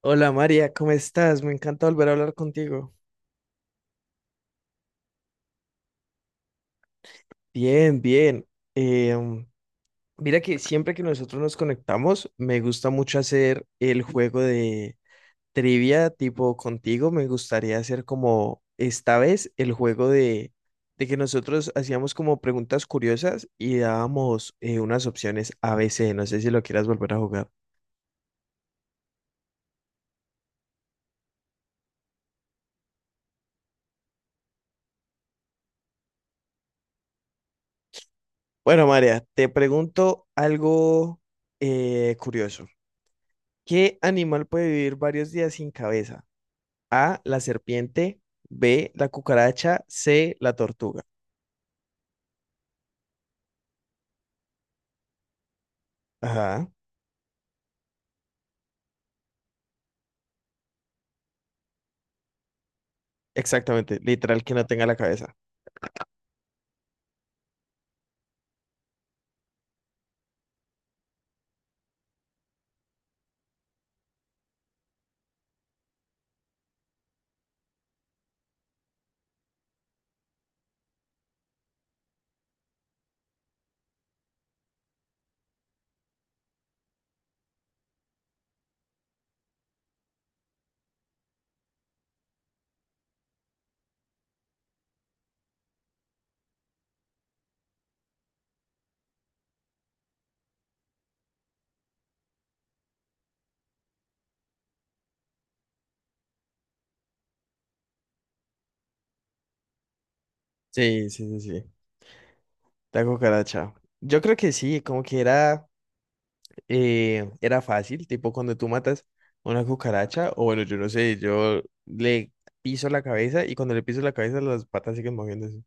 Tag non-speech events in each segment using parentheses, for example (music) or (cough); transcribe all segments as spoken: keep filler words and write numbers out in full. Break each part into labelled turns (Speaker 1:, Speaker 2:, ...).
Speaker 1: Hola María, ¿cómo estás? Me encanta volver a hablar contigo. Bien, bien. Eh, Mira que siempre que nosotros nos conectamos, me gusta mucho hacer el juego de trivia tipo contigo. Me gustaría hacer como esta vez el juego de, de que nosotros hacíamos como preguntas curiosas y dábamos eh, unas opciones a ABC. No sé si lo quieras volver a jugar. Bueno, María, te pregunto algo eh, curioso. ¿Qué animal puede vivir varios días sin cabeza? A, la serpiente, B, la cucaracha, C, la tortuga. Ajá, exactamente, literal que no tenga la cabeza. Sí, sí, sí, sí, la cucaracha. Yo creo que sí, como que era, eh, era fácil, tipo cuando tú matas una cucaracha, o bueno, yo no sé, yo le piso la cabeza y cuando le piso la cabeza las patas siguen moviéndose.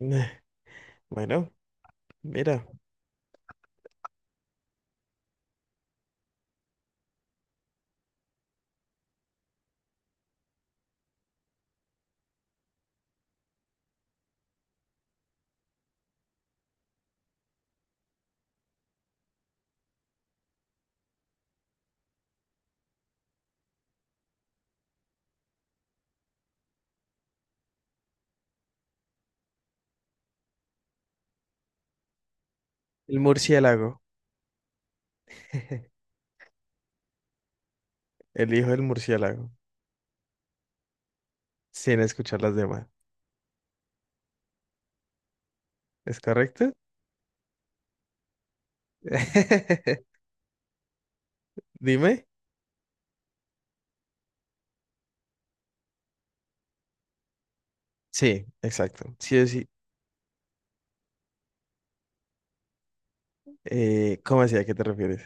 Speaker 1: (laughs) Bueno, mira, el murciélago. (laughs) El hijo del murciélago, sin escuchar las demás. ¿Es correcto? (laughs) Dime. Sí, exacto. Sí, sí. Eh, ¿cómo así? ¿A qué te refieres?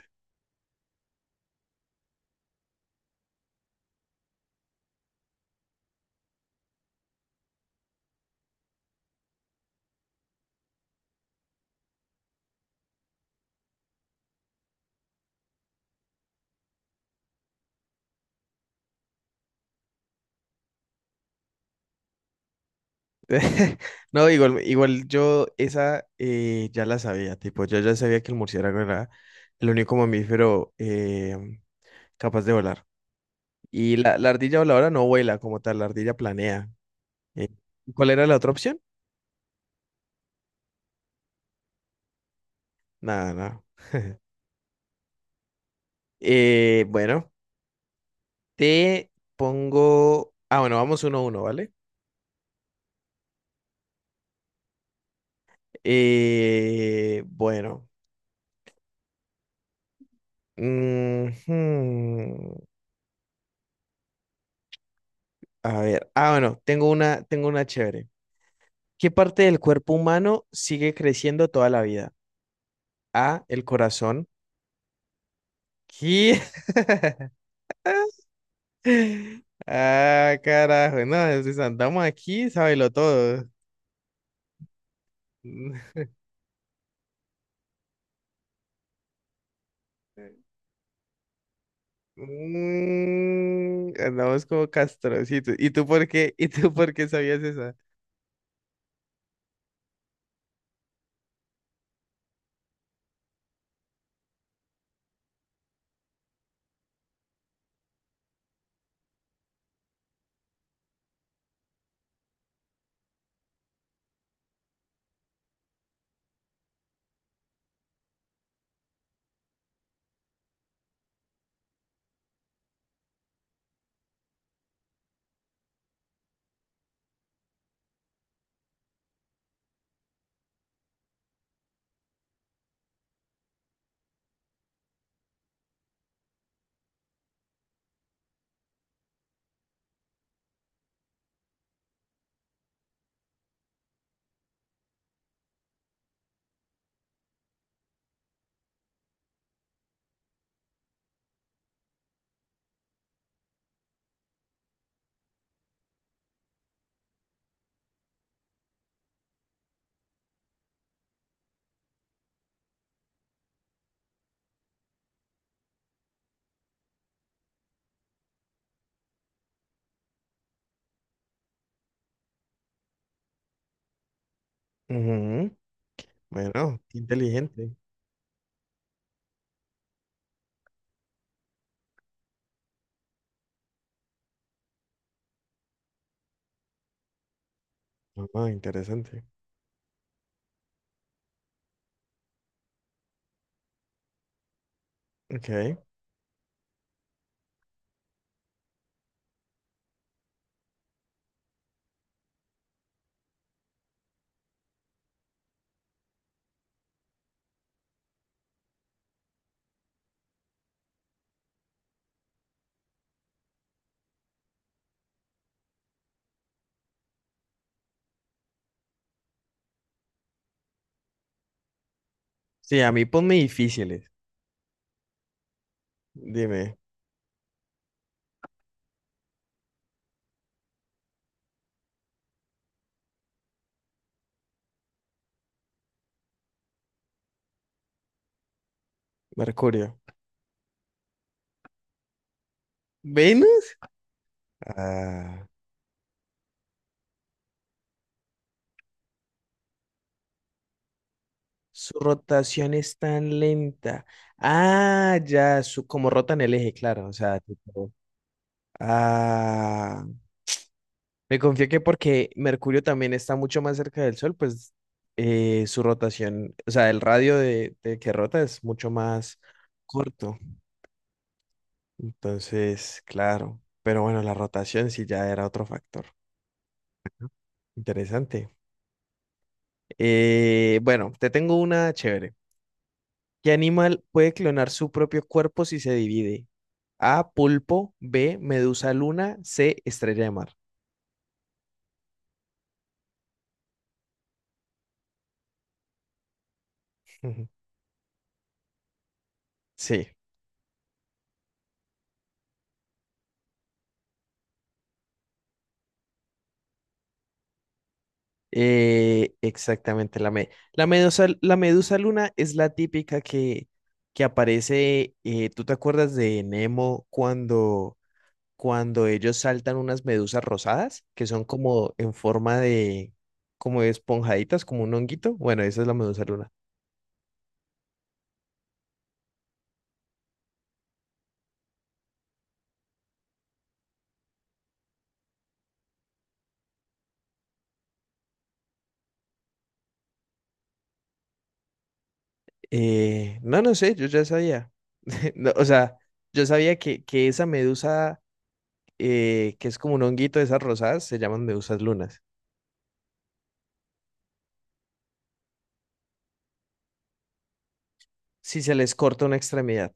Speaker 1: (laughs) No, igual, igual yo esa eh, ya la sabía, tipo, yo ya sabía que el murciélago era el único mamífero eh, capaz de volar. Y la, la ardilla voladora no vuela como tal, la ardilla planea. Eh, ¿cuál era la otra opción? Nada, nada. Eh, bueno, te pongo... Ah, bueno, vamos uno a uno, ¿vale? Eh, bueno. Ujú. A ver, ah, bueno, tengo una, tengo una chévere. ¿Qué parte del cuerpo humano sigue creciendo toda la vida? A, el corazón. ¿Qué? (laughs) Ah, carajo, no, si andamos aquí, sábelo todo. (laughs) Mm, andamos como castrocitos. ¿Y tú por qué? ¿Y tú por qué sabías esa? Ujú. Bueno, qué inteligente. Ah, interesante. Ok. Sí, a mí ponme difíciles. Dime, Mercurio. ¿Ven? Ah, su rotación es tan lenta. Ah, ya, su, como rotan el eje, claro. O sea, tipo, ah, me confío que porque Mercurio también está mucho más cerca del Sol, pues eh, su rotación, o sea, el radio de, de que rota es mucho más corto. Entonces, claro. Pero bueno, la rotación sí ya era otro factor. Interesante. Eh, bueno, te tengo una chévere. ¿Qué animal puede clonar su propio cuerpo si se divide? A, pulpo, B, medusa luna, C, estrella de mar. Ujú. Sí, eh, exactamente la, me- la medusa, la medusa luna es la típica que, que aparece, eh, ¿tú te acuerdas de Nemo cuando, cuando ellos saltan unas medusas rosadas que son como en forma de, como de esponjaditas, como un honguito? Bueno, esa es la medusa luna. Eh, no, no sé, yo ya sabía. (laughs) No, o sea, yo sabía que, que esa medusa eh, que es como un honguito de esas rosadas, se llaman medusas lunas. Si se les corta una extremidad.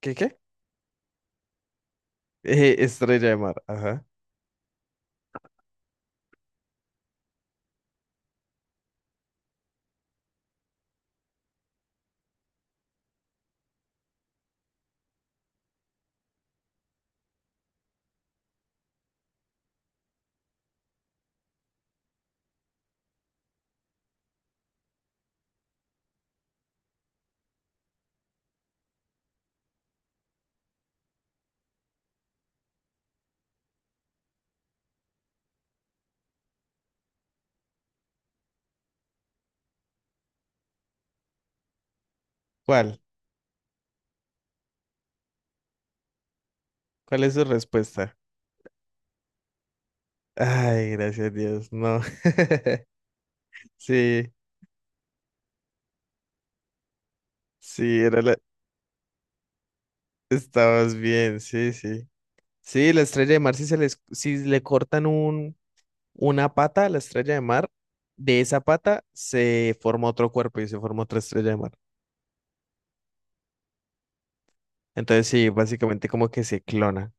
Speaker 1: ¿Qué qué? (laughs) Eh, estrella de mar, ajá. ¿Cuál? ¿Cuál es su respuesta? Ay, gracias a Dios, no. (laughs) Sí, sí, era la... Estabas bien, sí, sí. Sí, la estrella de mar, si se les, si le cortan un, una pata a la estrella de mar, de esa pata se forma otro cuerpo y se forma otra estrella de mar. Entonces, sí, básicamente como que se clona.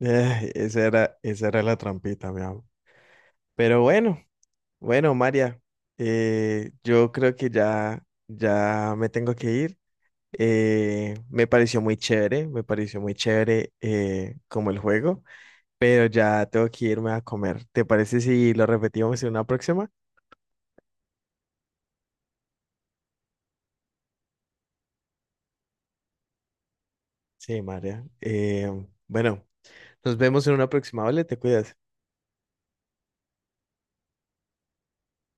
Speaker 1: Eh, esa era, esa era la trampita, mi amor. Pero bueno, bueno, María, eh, yo creo que ya, ya me tengo que ir. Eh, me pareció muy chévere, me pareció muy chévere eh, como el juego, pero ya tengo que irme a comer. ¿Te parece si lo repetimos en una próxima? Sí, María. Eh, bueno, nos vemos en una próxima, ¿vale? Te cuidas.